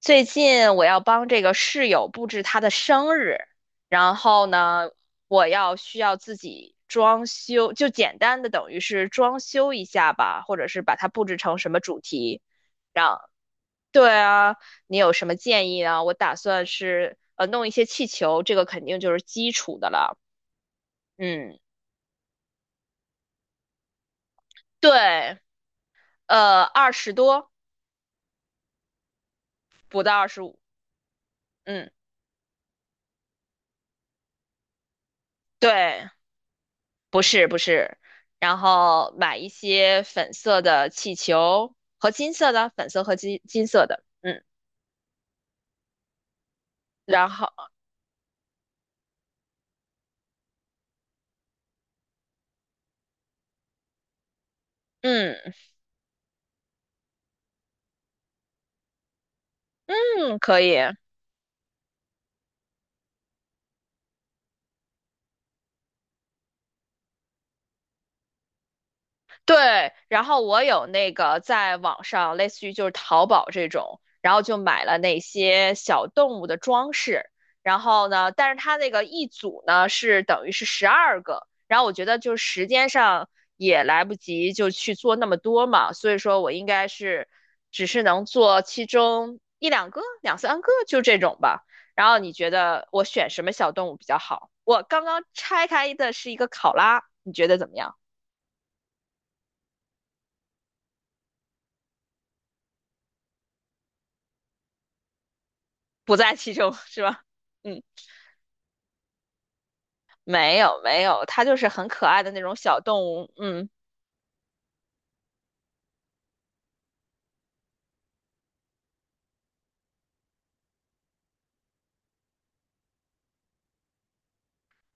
最近我要帮这个室友布置她的生日，然后呢，需要自己装修，就简单的等于是装修一下吧，或者是把它布置成什么主题，让，对啊，你有什么建议啊？我打算是弄一些气球，这个肯定就是基础的了，嗯，对，20多，不到25，嗯，对。不是不是，然后买一些粉色的气球和金色的，粉色和金色的，嗯，然后嗯嗯可以，对，然后我有那个在网上，类似于就是淘宝这种，然后就买了那些小动物的装饰。然后呢，但是它那个一组呢是等于是12个，然后我觉得就是时间上也来不及就去做那么多嘛，所以说我应该是只是能做其中一两个、两三个就这种吧。然后你觉得我选什么小动物比较好？我刚刚拆开的是一个考拉，你觉得怎么样？不在其中，是吧？嗯，没有没有，它就是很可爱的那种小动物。嗯，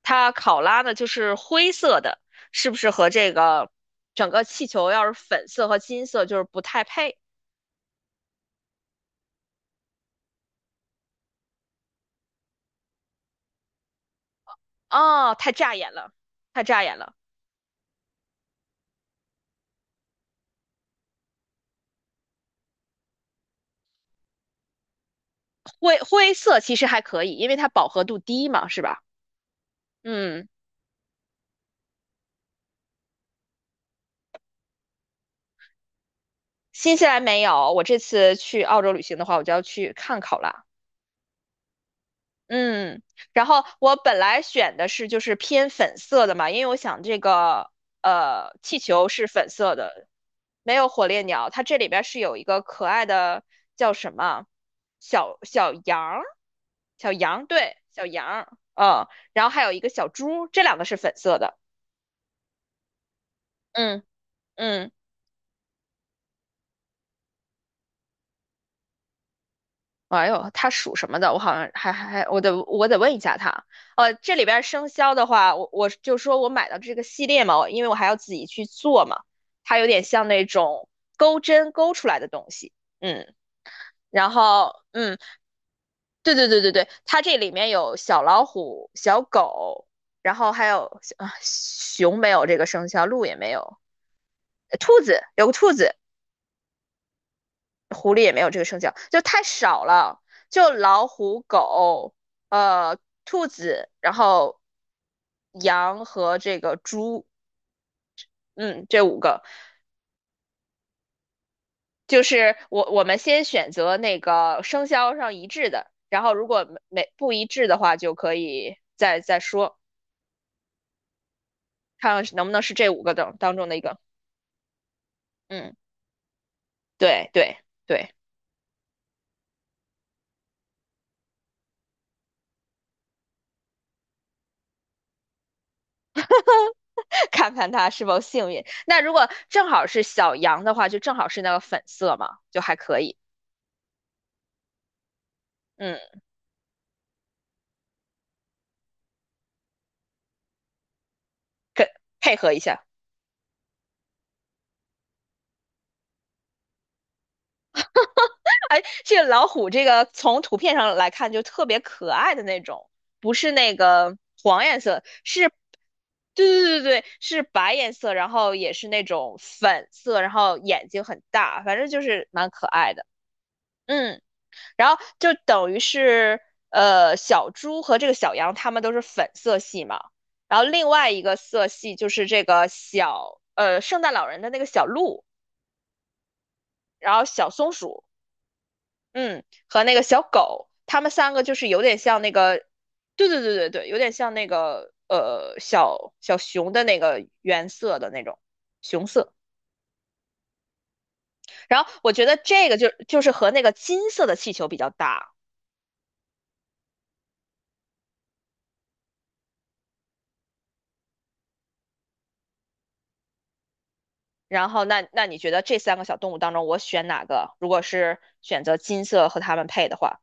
它考拉呢就是灰色的，是不是和这个整个气球要是粉色和金色就是不太配？哦，太扎眼了，太扎眼了。灰色其实还可以，因为它饱和度低嘛，是吧？嗯，新西兰没有，我这次去澳洲旅行的话，我就要去看考拉。嗯，然后我本来选的是就是偏粉色的嘛，因为我想这个气球是粉色的，没有火烈鸟，它这里边是有一个可爱的叫什么小小羊儿，小羊对小羊儿，嗯，然后还有一个小猪，这两个是粉色的，嗯嗯。哎呦，他属什么的？我好像还还还，我得问一下他。这里边生肖的话，我就说我买到这个系列嘛，因为我还要自己去做嘛，它有点像那种钩针钩出来的东西。嗯，然后嗯，对对对对对，它这里面有小老虎、小狗，然后还有啊熊没有这个生肖，鹿也没有，兔子有个兔子，狐狸也没有这个生肖，就太少了，就老虎、狗、呃、兔子，然后羊和这个猪，嗯，这五个就是我们先选择那个生肖上一致的，然后如果没不一致的话，就可以再说，看看能不能是这五个当中的一个，嗯，对对。对，看看他是否幸运。那如果正好是小羊的话，就正好是那个粉色嘛，就还可以。嗯。跟配合一下。哎，这个老虎这个从图片上来看就特别可爱的那种，不是那个黄颜色，是，对对对对，是白颜色，然后也是那种粉色，然后眼睛很大，反正就是蛮可爱的。嗯，然后就等于是小猪和这个小羊它们都是粉色系嘛，然后另外一个色系就是这个圣诞老人的那个小鹿，然后小松鼠。嗯，和那个小狗，他们3个就是有点像那个，对对对对对，有点像那个小小熊的那个原色的那种熊色。然后我觉得这个就是和那个金色的气球比较搭。然后那你觉得这3个小动物当中，我选哪个？如果是选择金色和它们配的话，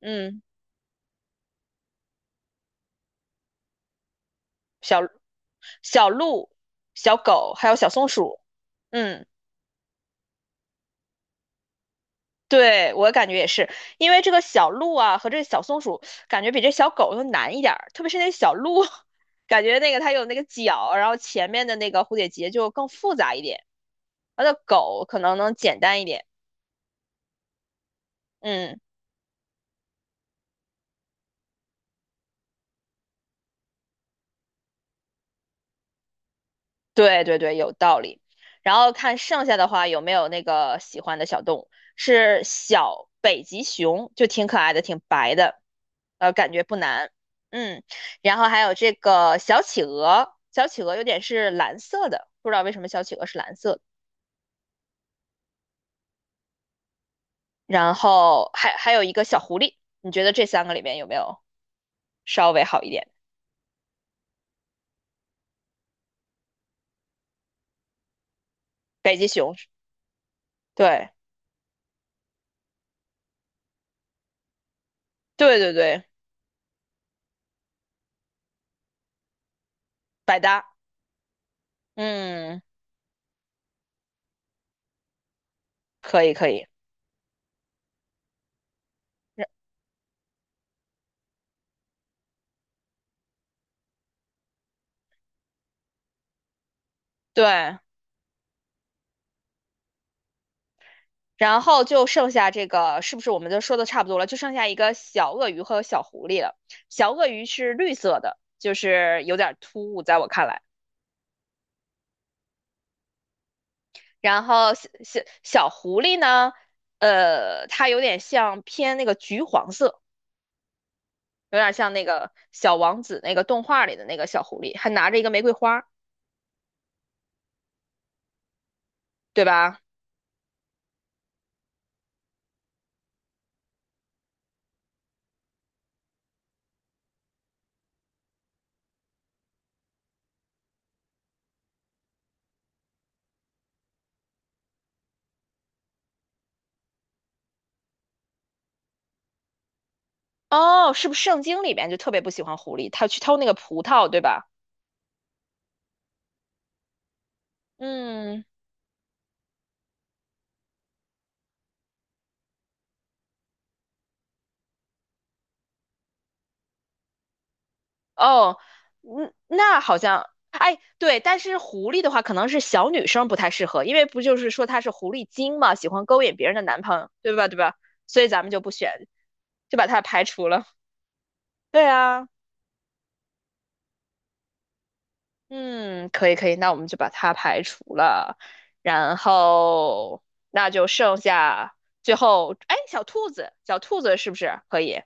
嗯，小小鹿、小狗还有小松鼠，嗯。对，我感觉也是，因为这个小鹿啊和这个小松鼠，感觉比这小狗要难一点儿，特别是那小鹿，感觉那个它有那个角，然后前面的那个蝴蝶结就更复杂一点，它的狗可能能简单一点。嗯。对对对，有道理。然后看剩下的话有没有那个喜欢的小动物，是小北极熊，就挺可爱的，挺白的，感觉不难。嗯，然后还有这个小企鹅，小企鹅有点是蓝色的，不知道为什么小企鹅是蓝色的。然后还有一个小狐狸，你觉得这3个里面有没有稍微好一点？北极熊，对对对对，百搭，嗯，可以可以，对。然后就剩下这个，是不是我们都说的差不多了？就剩下一个小鳄鱼和小狐狸了。小鳄鱼是绿色的，就是有点突兀，在我看来。然后小狐狸呢，它有点像偏那个橘黄色，有点像那个小王子那个动画里的那个小狐狸，还拿着一个玫瑰花，对吧？哦，是不是圣经里面就特别不喜欢狐狸？它去偷那个葡萄，对吧？嗯，哦，嗯，那好像，哎，对，但是狐狸的话，可能是小女生不太适合，因为不就是说它是狐狸精嘛，喜欢勾引别人的男朋友，对吧？对吧？所以咱们就不选，就把它排除了。对啊，嗯，可以可以，那我们就把它排除了，然后那就剩下最后，哎，小兔子，小兔子是不是可以？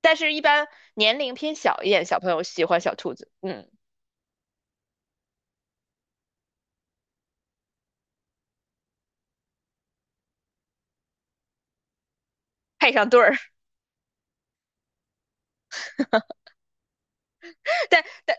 但是，一般年龄偏小一点，小朋友喜欢小兔子，嗯，配上对儿。但但。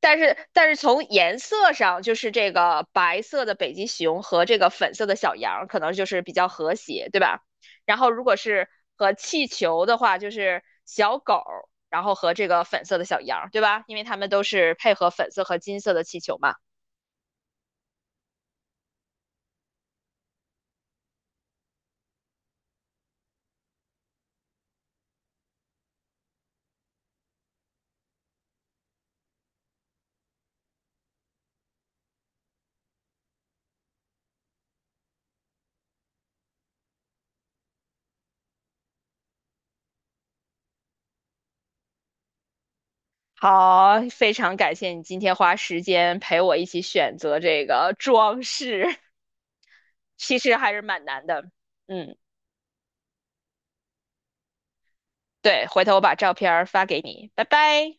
但是从颜色上，就是这个白色的北极熊和这个粉色的小羊，可能就是比较和谐，对吧？然后如果是和气球的话，就是小狗，然后和这个粉色的小羊，对吧？因为它们都是配合粉色和金色的气球嘛。好，非常感谢你今天花时间陪我一起选择这个装饰，其实还是蛮难的。嗯，对，回头我把照片儿发给你，拜拜。